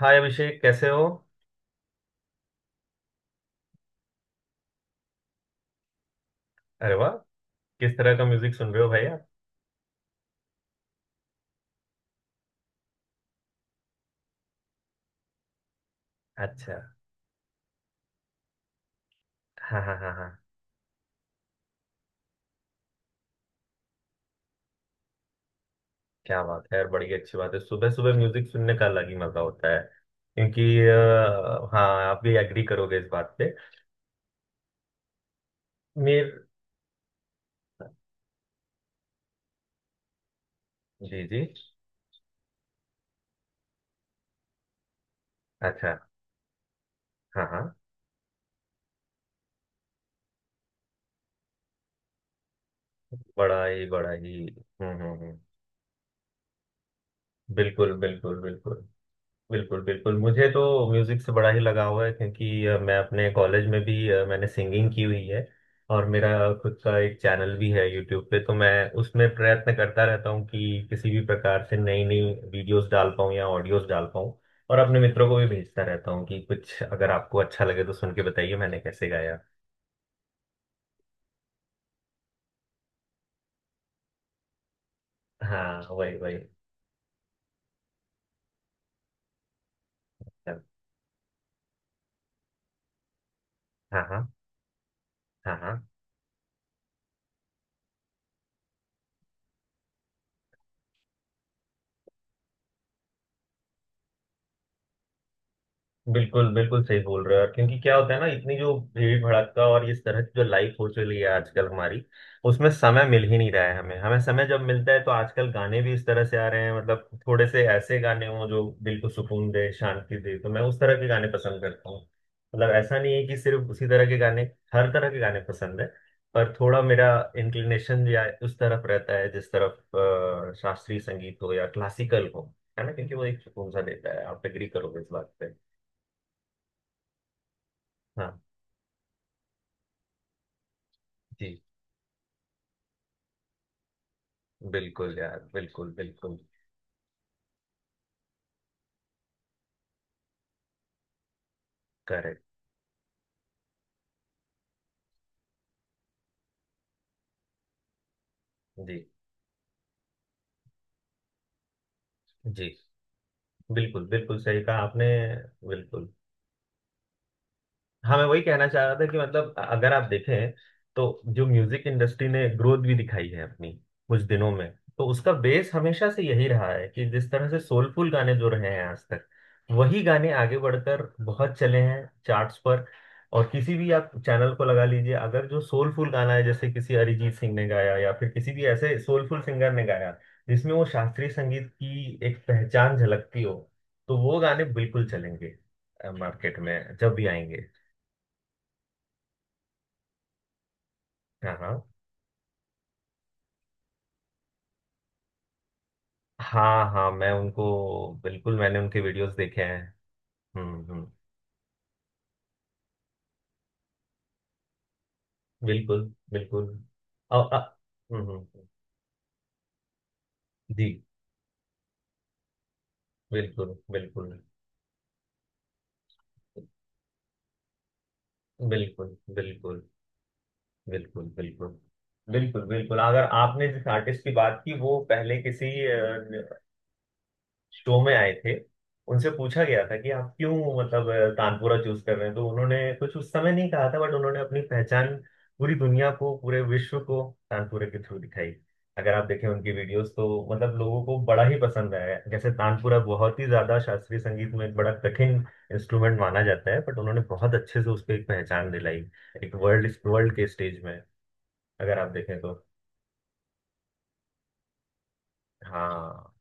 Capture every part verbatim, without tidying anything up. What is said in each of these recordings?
हाय अभिषेक कैसे हो। अरे वाह। किस तरह का म्यूजिक सुन रहे हो भैया। अच्छा। हाँ हाँ हाँ हाँ। क्या बात है यार, बड़ी अच्छी बात है। सुबह सुबह म्यूजिक सुनने का अलग ही मजा होता है क्योंकि अ, हाँ आप भी एग्री करोगे इस बात पे। मेर जी जी। अच्छा। हाँ हाँ। बड़ा ही बड़ा ही हम्म हम्म हम्म। बिल्कुल बिल्कुल बिल्कुल। बिल्कुल बिल्कुल मुझे तो म्यूज़िक से बड़ा ही लगाव है क्योंकि अ, मैं अपने कॉलेज में भी अ, मैंने सिंगिंग की हुई है, और मेरा खुद का एक चैनल भी है यूट्यूब पे। तो मैं उसमें प्रयत्न करता रहता हूँ कि किसी भी प्रकार से नई नई वीडियोस डाल पाऊँ या ऑडियोस डाल पाऊँ, और अपने मित्रों को भी भेजता रहता हूँ कि कुछ अगर आपको अच्छा लगे तो सुन के बताइए मैंने कैसे गाया। हाँ वही वही। हाँ हाँ हाँ हाँ। बिल्कुल बिल्कुल सही बोल रहे हो यार, क्योंकि क्या होता है ना, इतनी जो भीड़ भड़का और इस तरह की जो लाइफ हो चली है आजकल हमारी, उसमें समय मिल ही नहीं रहा है। हमें हमें समय जब मिलता है तो आजकल गाने भी इस तरह से आ रहे हैं, मतलब थोड़े से ऐसे गाने हों जो दिल को सुकून दे, शांति दे, तो मैं उस तरह के गाने पसंद करता हूँ। मतलब ऐसा नहीं है कि सिर्फ उसी तरह के गाने, हर तरह के गाने पसंद है, पर थोड़ा मेरा इंक्लिनेशन या उस तरफ रहता है जिस तरफ अ, शास्त्रीय संगीत हो या क्लासिकल हो, है ना, क्योंकि वो एक सुकून सा देता है। आप एग्री करोगे इस बात पे। हाँ जी। बिल्कुल यार, बिल्कुल बिल्कुल। करेक्ट। जी जी। बिल्कुल बिल्कुल सही कहा आपने। बिल्कुल। हाँ मैं वही कहना चाह रहा था कि मतलब अगर आप देखें तो जो म्यूजिक इंडस्ट्री ने ग्रोथ भी दिखाई है अपनी कुछ दिनों में, तो उसका बेस हमेशा से यही रहा है कि जिस तरह से सोलफुल गाने जो रहे हैं आज तक, वही गाने आगे बढ़कर बहुत चले हैं चार्ट्स पर। और किसी भी आप चैनल को लगा लीजिए, अगर जो सोलफुल गाना है, जैसे किसी अरिजीत सिंह ने गाया या फिर किसी भी ऐसे सोलफुल सिंगर ने गाया जिसमें वो शास्त्रीय संगीत की एक पहचान झलकती हो, तो वो गाने बिल्कुल चलेंगे मार्केट में जब भी आएंगे। हाँ हाँ। हाँ हाँ मैं उनको बिल्कुल मैंने उनके वीडियोस देखे हैं। हम्म हम्म। बिल्कुल बिल्कुल। और अ- हम्म हम्म, जी। बिल्कुल बिल्कुल बिल्कुल। बिल्कुल। बिल्कुल बिल्कुल। बिल्कुल बिल्कुल अगर आपने जिस आर्टिस्ट की बात की, वो पहले किसी शो में आए थे। उनसे पूछा गया था कि आप क्यों, मतलब अ, तानपुरा चूज कर रहे हैं, तो उन्होंने कुछ उस समय नहीं कहा था, बट उन्होंने अपनी पहचान पूरी दुनिया को, पूरे विश्व को, तानपुरे के थ्रू दिखाई। अगर आप देखें उनकी वीडियोस, तो मतलब लोगों को बड़ा ही पसंद आया है। जैसे तानपुरा बहुत ही ज्यादा शास्त्रीय संगीत में एक बड़ा कठिन इंस्ट्रूमेंट माना जाता है, बट उन्होंने बहुत अच्छे से उसको एक पहचान दिलाई, एक वर्ल्ड वर्ल्ड के स्टेज में, अगर आप देखें तो। हाँ।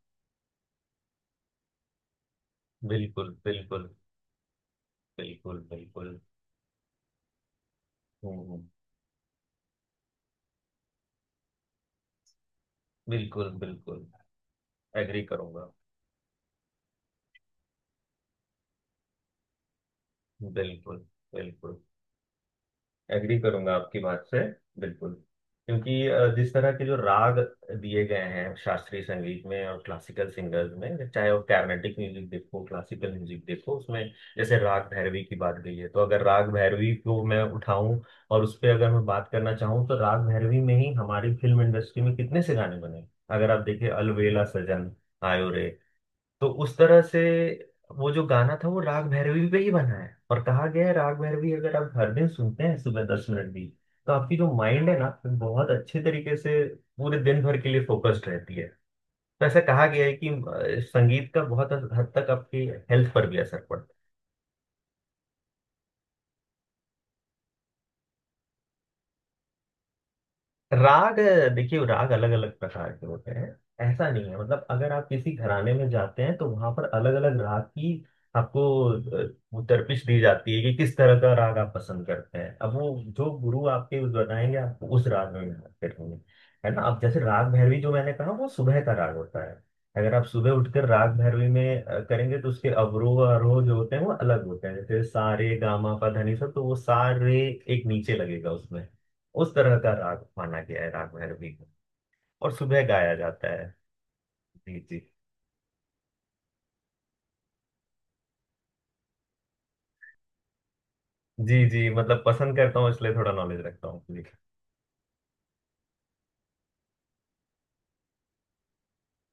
बिल्कुल बिल्कुल बिल्कुल बिल्कुल। हम्म, बिल्कुल बिल्कुल एग्री करूंगा। बिल्कुल बिल्कुल एग्री करूंगा आपकी बात से। बिल्कुल। क्योंकि अ, जिस तरह के जो राग दिए गए हैं शास्त्रीय संगीत में और क्लासिकल सिंगर्स में, चाहे वो कार्नेटिक म्यूजिक देखो, क्लासिकल म्यूजिक देखो, उसमें जैसे राग भैरवी की बात गई है, तो अगर राग भैरवी को मैं उठाऊं और उस पर अगर मैं बात करना चाहूँ, तो राग भैरवी में ही हमारी फिल्म इंडस्ट्री में कितने से गाने बने। अगर आप देखिए अलवेला सजन आयो रे, तो उस तरह से वो जो गाना था वो राग भैरवी पे ही बना है। और कहा गया है, राग भैरवी अगर आप हर दिन सुनते हैं सुबह दस मिनट भी, तो आपकी जो माइंड है ना, वो बहुत अच्छे तरीके से पूरे दिन भर के लिए फोकस्ड रहती है। तो ऐसा कहा गया है कि अ, संगीत का बहुत हद तक आपकी हेल्थ पर भी असर पड़ता है। राग देखिए, राग अलग अलग प्रकार के होते हैं। ऐसा नहीं है, मतलब अगर आप किसी घराने में जाते हैं तो वहां पर अलग अलग राग की आपको अ, वो दरपिश दी जाती है कि किस तरह का राग आप पसंद करते हैं। अब वो जो गुरु आपके उस बताएंगे, आपको उस राग में गाना करेंगे, है ना। अब जैसे राग भैरवी जो मैंने कहा, वो सुबह का राग होता है। अगर आप सुबह उठकर राग भैरवी में अ, करेंगे, तो उसके अवरोह आरोह जो होते हैं वो अलग होते हैं, जैसे सारे गामा पा धनी सब, तो वो सारे एक नीचे लगेगा उसमें। उस तरह का राग माना गया है राग भैरवी को, और सुबह गाया जाता है। जी जी। जी जी, मतलब पसंद करता हूँ इसलिए थोड़ा नॉलेज रखता हूँ जी।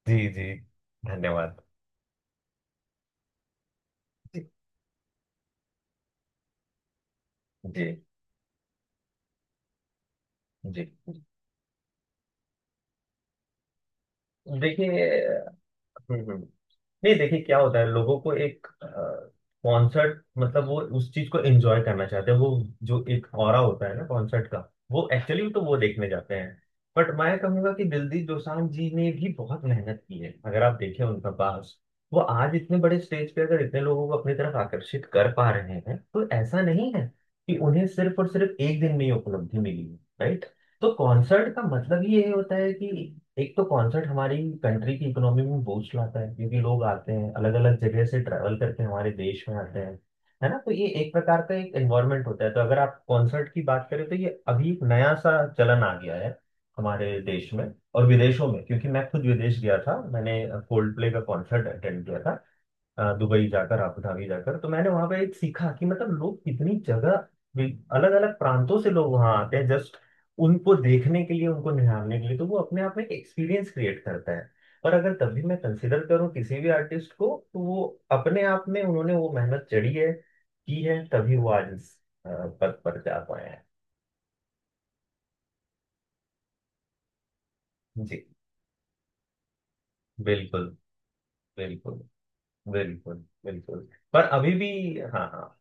जी जी। धन्यवाद। जी जी। जी। देखिए। हम्म, हम्म। नहीं, देखिए क्या होता है, लोगों को एक कॉन्सर्ट मतलब वो उस चीज को एंजॉय करना चाहते हैं। वो जो एक ऑरा होता है ना कॉन्सर्ट का, वो एक्चुअली तो वो देखने जाते हैं। बट मैं कहूंगा कि दिलजीत दोसांझ जी ने भी बहुत मेहनत की है। अगर आप देखें उनका पास, वो आज इतने बड़े स्टेज पे अगर इतने लोगों को अपनी तरफ आकर्षित कर पा रहे हैं, तो ऐसा नहीं है कि उन्हें सिर्फ और सिर्फ एक दिन में ही उपलब्धि मिली है, right? तो कॉन्सर्ट का मतलब ये होता है कि एक तो कॉन्सर्ट हमारी कंट्री की इकोनॉमी में बूस्ट लाता है, क्योंकि लोग आते हैं, अलग अलग जगह से ट्रैवल करके हमारे देश में आते हैं, है ना। तो ये एक प्रकार का एक एनवायरनमेंट होता है। तो अगर आप कॉन्सर्ट की बात करें, तो ये अभी एक नया सा चलन आ गया है हमारे देश में, और विदेशों में, क्योंकि मैं खुद विदेश गया था। मैंने कोल्ड प्ले का कॉन्सर्ट अटेंड किया था अ, दुबई जाकर, आबू धाबी जाकर। तो मैंने वहां पे एक सीखा कि मतलब लोग कितनी जगह, अलग अलग प्रांतों से लोग वहां आते हैं, जस्ट उनको देखने के लिए, उनको निहारने के लिए। तो वो अपने आप में एक एक्सपीरियंस क्रिएट करता है। पर अगर तभी मैं कंसिडर करूँ किसी भी आर्टिस्ट को, तो वो अपने आप में उन्होंने वो मेहनत चढ़ी है, की है, तभी वो आज इस अ, पद पर जा पाए हैं। जी। बिल्कुल बिल्कुल बिल्कुल बिल्कुल, पर अभी भी। हाँ हाँ,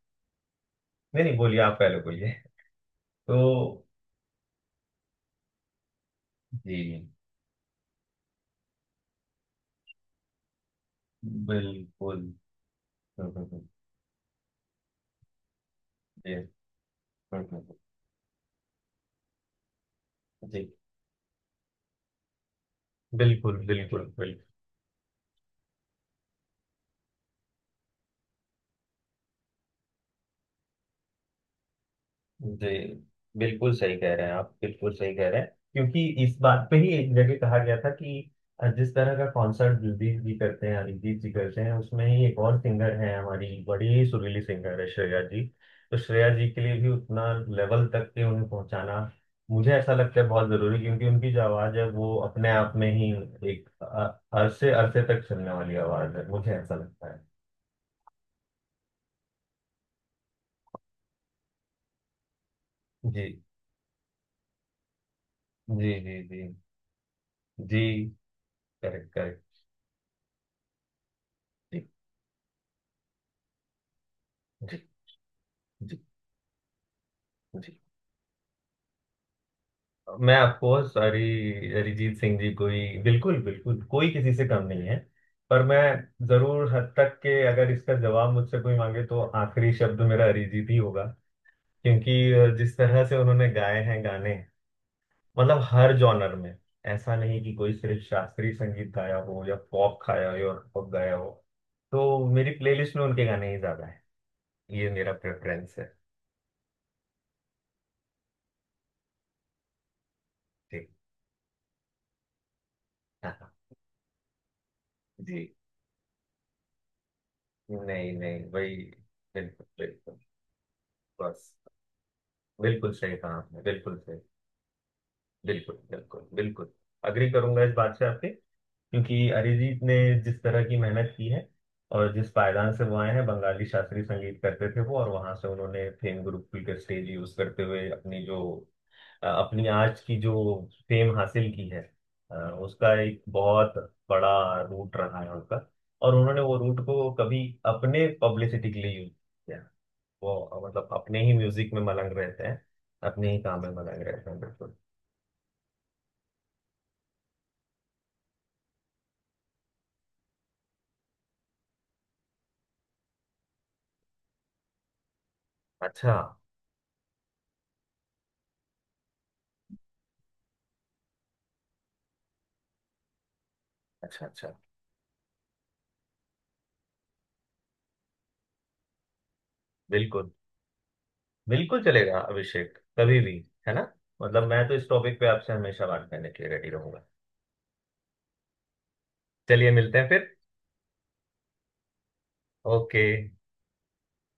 नहीं नहीं, बोलिए आप पहले बोलिए। तो जी बिल्कुल बिल्कुल बिल्कुल, जी, बिल्कुल बिल्कुल बिल्कुल जी। बिल्कुल सही कह रहे हैं आप, बिल्कुल सही कह रहे हैं। क्योंकि इस बात पे ही एक जगह कहा गया था कि जिस तरह का कॉन्सर्ट दिलजीत जी करते हैं, अरिजीत जी करते हैं, उसमें ही एक और सिंगर है, हमारी बड़ी ही सुरीली सिंगर है, श्रेया जी। तो श्रेया जी के लिए भी उतना लेवल तक के उन्हें पहुंचाना मुझे ऐसा लगता है बहुत जरूरी, क्योंकि उनकी जो आवाज है वो अपने आप में ही एक अ- अरसे अरसे तक चलने वाली आवाज है, मुझे ऐसा लगता है। जी जी। जी। जी जी करेक्ट करेक्ट। जी जी जी। जी। मैं ऑफकोर्स हरि अरिजीत सिंह जी, कोई बिल्कुल बिल्कुल कोई किसी से कम नहीं है, पर मैं जरूर हद तक के अगर इसका जवाब मुझसे कोई मांगे, तो आखिरी शब्द मेरा अरिजीत ही होगा। क्योंकि अ, जिस तरह से उन्होंने गाए हैं गाने, मतलब हर जॉनर में, ऐसा नहीं कि कोई सिर्फ शास्त्रीय संगीत गाया हो या पॉप खाया हो या पॉप गाया हो। तो मेरी प्लेलिस्ट में उनके गाने ही ज्यादा है। ये मेरा प्रेफरेंस है। ठीक। हाँ जी। नहीं नहीं, वही बिल्कुल बिल्कुल। बस, बिल्कुल सही कहा आपने, बिल्कुल सही, बिल्कुल बिल्कुल बिल्कुल। अग्री करूंगा इस बात से आपके, क्योंकि अरिजीत ने जिस तरह की मेहनत की है और जिस पायदान से वो आए हैं, बंगाली शास्त्रीय संगीत करते थे वो, और वहां से उन्होंने फेम गुरुकुल के स्टेज यूज करते हुए अपनी जो अ, अपनी आज की जो फेम हासिल की है, अ, उसका एक बहुत बड़ा रूट रहा है उनका। और उन्होंने वो रूट को कभी अपने पब्लिसिटी के लिए यूज किया। वो अ, मतलब अपने ही म्यूजिक में मलंग रहते हैं, अपने ही काम में मलंग रहते हैं, बिल्कुल। अच्छा अच्छा अच्छा। बिल्कुल बिल्कुल चलेगा अभिषेक, कभी भी, है ना। मतलब मैं तो इस टॉपिक पे आपसे हमेशा बात करने के लिए रेडी रहूंगा। चलिए मिलते हैं फिर। ओके।